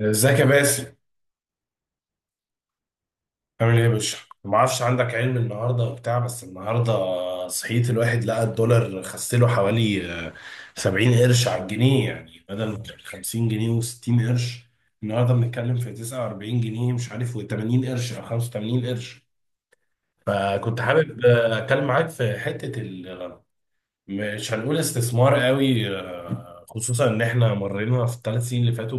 ازيك يا باسل؟ عامل ايه يا باشا؟ ما اعرفش عندك علم النهارده وبتاع، بس النهارده صحيت الواحد لقى الدولار خسله حوالي 70 قرش على الجنيه، يعني بدل ما كان 50 جنيه و60 قرش، النهارده بنتكلم في 49 جنيه مش عارف و80 قرش او 85 قرش. فكنت حابب اتكلم معاك في حته مش هنقول استثمار قوي خصوصا ان احنا مرينا في ال3 سنين اللي فاتوا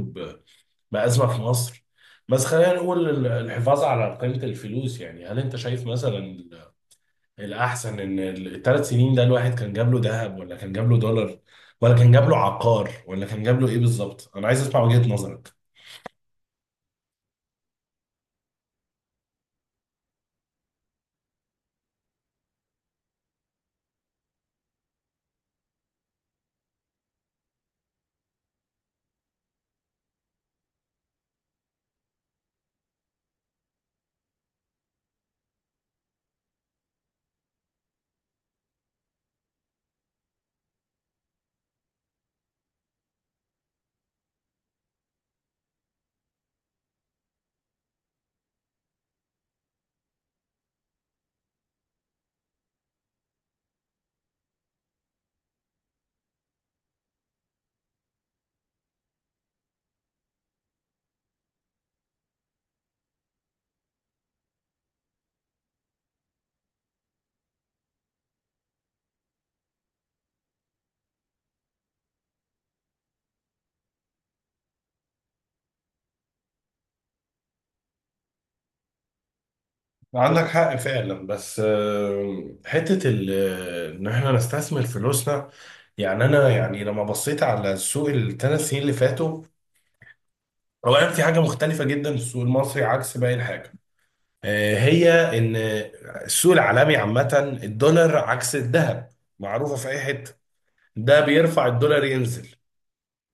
بأزمة في مصر. بس خلينا نقول الحفاظ على قيمة الفلوس، يعني هل انت شايف مثلا الأحسن ان ال3 سنين ده الواحد كان جاب له ذهب ولا كان جاب له دولار ولا كان جاب له عقار ولا كان جاب له ايه بالظبط؟ أنا عايز أسمع وجهة نظرك. عندك حق فعلا، بس حتة ان احنا نستثمر فلوسنا، يعني انا يعني لما بصيت على السوق ال3 سنين اللي فاتوا، اولا في حاجة مختلفة جدا في السوق المصري عكس باقي الحاجة، هي ان السوق العالمي عامه الدولار عكس الذهب، معروفه في اي حته، ده بيرفع الدولار ينزل،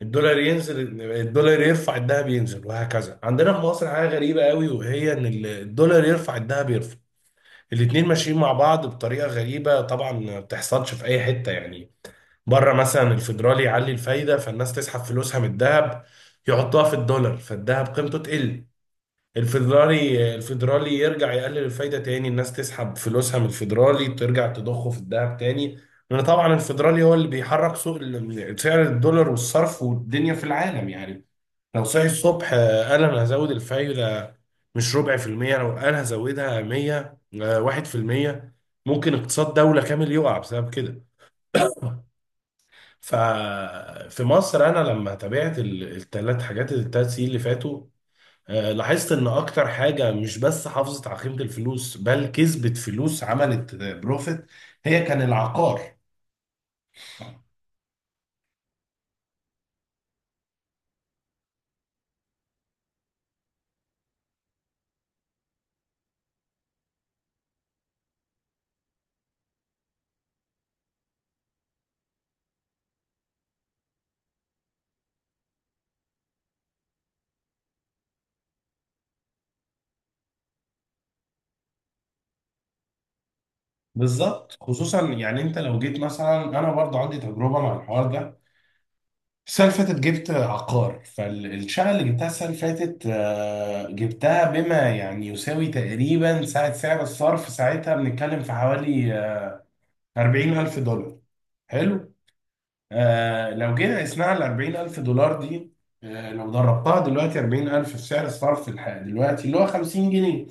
الدولار ينزل الدولار يرفع الذهب ينزل وهكذا. عندنا في مصر حاجه غريبه قوي، وهي ان الدولار يرفع الذهب يرفع، الاتنين ماشيين مع بعض بطريقه غريبه، طبعا ما بتحصلش في اي حته يعني. بره مثلا الفيدرالي يعلي الفايده فالناس تسحب فلوسها من الذهب يحطها في الدولار فالذهب قيمته تقل. الفيدرالي يرجع يقلل الفايدة تاني، الناس تسحب فلوسها من الفيدرالي ترجع تضخه في الذهب تاني، لأن طبعا الفيدرالي هو اللي بيحرك سوق سعر الدولار والصرف والدنيا في العالم يعني. لو صحي الصبح قال أنا هزود الفايدة، مش ربع في المية، لو قال هزودها 100 1% ممكن اقتصاد دولة كامل يقع بسبب كده. ففي مصر أنا لما تابعت التلات حاجات ال3 سنين اللي فاتوا، لاحظت ان اكتر حاجة مش بس حافظت على قيمة الفلوس بل كسبت فلوس، عملت بروفيت، هي كان العقار. بالظبط، خصوصا يعني انت لو جيت مثلا، انا برضه عندي تجربة مع الحوار ده. السنة اللي فاتت جبت عقار، فالشقة اللي جبتها السنة اللي فاتت جبتها بما يعني يساوي تقريبا ساعة سعر الصرف، ساعتها بنتكلم في حوالي 40 ألف دولار. حلو. آه لو جينا قسناها ال 40000 دولار دي، آه لو ضربتها دلوقتي 40000 في سعر الصرف الحالي دلوقتي اللي هو 50 جنيه،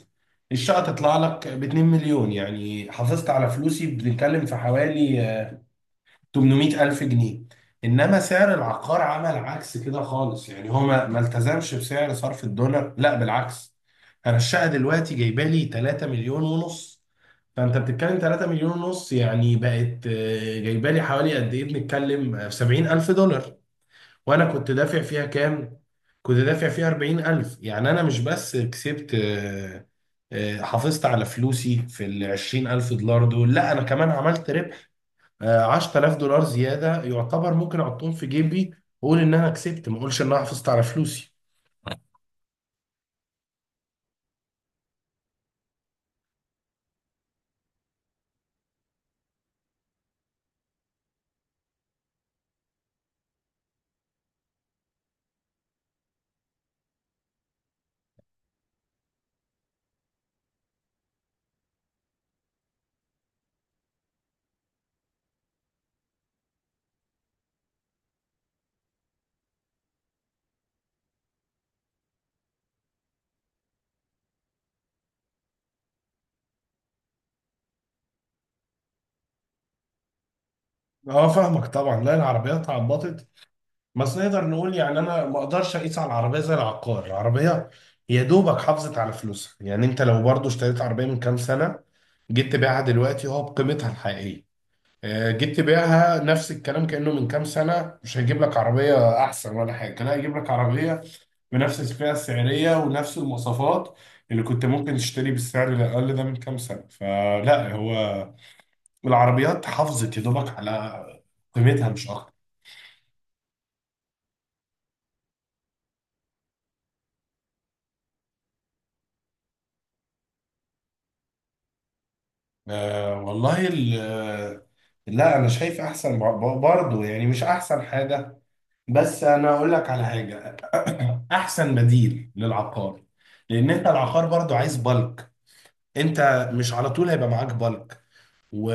الشقة تطلع لك ب 2 مليون، يعني حافظت على فلوسي بنتكلم في حوالي 800 ألف جنيه. إنما سعر العقار عمل عكس كده خالص، يعني هو ما التزمش بسعر صرف الدولار، لا بالعكس، أنا الشقة دلوقتي جايبة لي 3 مليون ونص. فأنت بتتكلم 3 مليون ونص، يعني بقت جايبة لي حوالي قد إيه، بنتكلم 70 ألف دولار. وأنا كنت دافع فيها كام؟ كنت دافع فيها 40 ألف، يعني أنا مش بس كسبت، حافظت على فلوسي في ال 20 ألف دولار دول، لا أنا كمان عملت ربح. 10000 دولار زياده يعتبر، ممكن احطهم في جيبي واقول ان انا كسبت، ما اقولش ان انا حافظت على فلوسي. اه، فاهمك طبعا، لا العربيات عبطت بس، نقدر نقول يعني انا ما اقدرش اقيس على العربيه زي العقار. العربيه يا دوبك حافظت على فلوسها، يعني انت لو برضو اشتريت عربيه من كام سنه جيت تبيعها دلوقتي هو بقيمتها الحقيقيه. جيت تبيعها نفس الكلام كانه من كام سنه، مش هيجيب لك عربيه احسن ولا حاجه، لا هيجيب لك عربيه بنفس الفئة السعرية ونفس المواصفات اللي كنت ممكن تشتري بالسعر الأقل ده من كام سنة. فلا هو العربيات حافظت يا دوبك على قيمتها مش أكتر. والله لا أنا شايف أحسن برضه، يعني مش أحسن حاجة، بس أنا أقول لك على حاجة أحسن بديل للعقار، لأن أنت العقار برضه عايز بالك، أنت مش على طول هيبقى معاك بالك. و...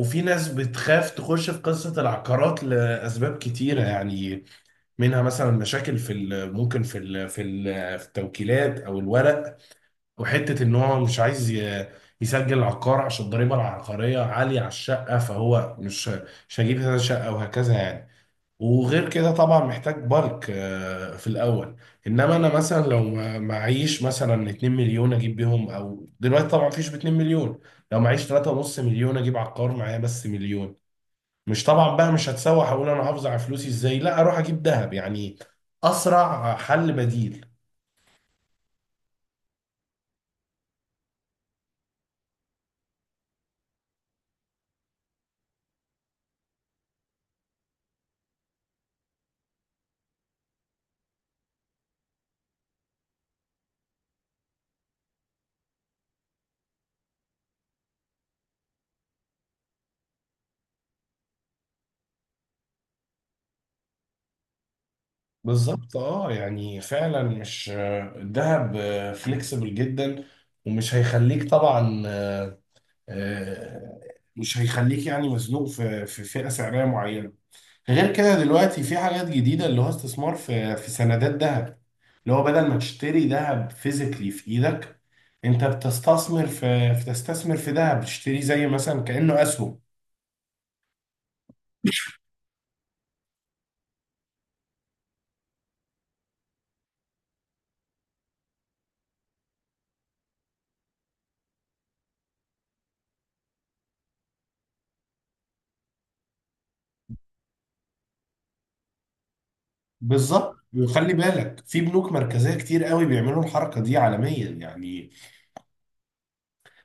وفي ناس بتخاف تخش في قصة العقارات لأسباب كتيرة يعني، منها مثلا مشاكل في ال... ممكن في ال... في ال... في التوكيلات أو الورق، وحتة إن هو مش عايز ي... يسجل عقار عشان الضريبة العقارية عالية على الشقة، فهو مش هجيب هذا الشقة وهكذا يعني. وغير كده طبعا محتاج بالك في الاول. انما انا مثلا لو معيش مثلا 2 مليون اجيب بيهم، او دلوقتي طبعا مفيش ب 2 مليون، لو معيش 3.5 مليون اجيب عقار معايا بس مليون، مش طبعا بقى، مش هتسوح اقول انا هحافظ على فلوسي ازاي، لا اروح اجيب ذهب يعني، اسرع حل بديل. بالظبط، اه يعني فعلا مش الذهب فليكسبل جدا، ومش هيخليك طبعا، آه، مش هيخليك يعني مزنوق في فئة سعرية معينة. غير كده دلوقتي في حاجات جديدة، اللي هو استثمار في سندات ذهب، اللي هو بدل ما تشتري ذهب فيزيكلي في ايدك، انت بتستثمر في ذهب، تشتري زي مثلا كأنه اسهم. بالظبط، وخلي بالك في بنوك مركزية كتير قوي بيعملوا الحركة دي عالميا يعني.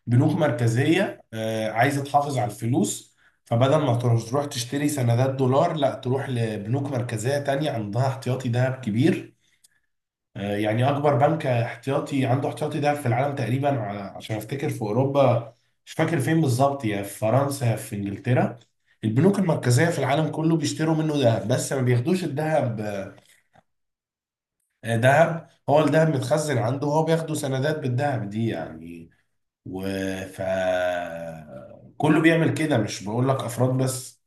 بنوك مركزية عايزة تحافظ على الفلوس، فبدل ما تروح تشتري سندات دولار، لا تروح لبنوك مركزية تانية عندها احتياطي ذهب كبير. يعني أكبر بنك احتياطي عنده احتياطي ذهب في العالم تقريبا عشان أفتكر في أوروبا، مش فاكر فين بالظبط، يا في فرنسا يا في إنجلترا. البنوك المركزية في العالم كله بيشتروا منه ذهب بس ما بياخدوش الذهب، ذهب، هو الذهب متخزن عنده، هو بياخده سندات بالذهب دي يعني. و ف كله بيعمل كده، مش بقول لك افراد بس.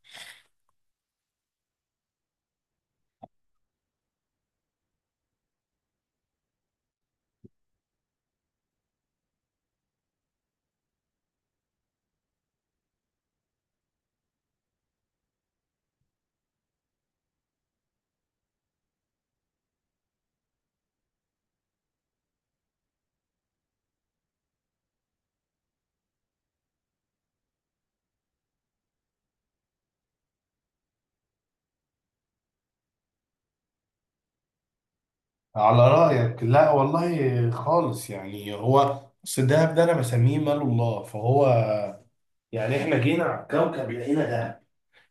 على رايك لا والله خالص، يعني هو اصل الدهب ده انا بسميه مال الله، فهو يعني احنا جينا على الكوكب لقينا دهب،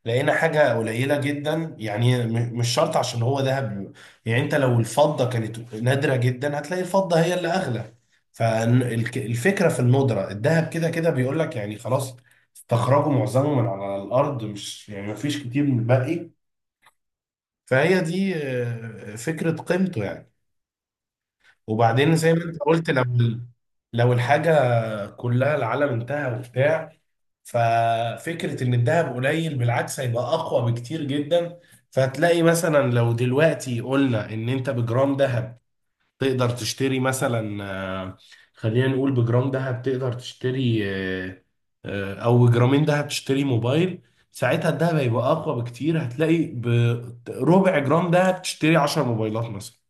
لقينا حاجه قليله جدا، يعني مش شرط عشان هو دهب، يعني انت لو الفضه كانت نادره جدا هتلاقي الفضه هي اللي اغلى. فالفكره في الندره، الدهب كده كده بيقول لك يعني خلاص استخرجوا معظمه من على الارض، مش يعني مفيش كتير من الباقي، فهي دي فكرة قيمته يعني. وبعدين زي ما انت قلت، لو الحاجة كلها العالم انتهى وبتاع، ففكرة ان الذهب قليل بالعكس هيبقى اقوى بكتير جدا. فهتلاقي مثلا لو دلوقتي قلنا ان انت بجرام ذهب تقدر تشتري مثلا، آه، خلينا نقول بجرام ذهب تقدر تشتري او ب2 جرام ذهب تشتري موبايل. ساعتها الدهب هيبقى اقوى بكتير، هتلاقي بربع جرام دهب تشتري 10 موبايلات مثلا.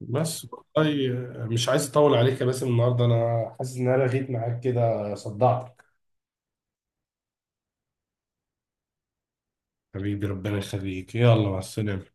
بس والله، مش عايز اطول عليك يا باسم النهارده، انا حاسس ان انا لغيت معاك كده صدعتك. حبيبي ربنا يخليك، يلا مع السلامه.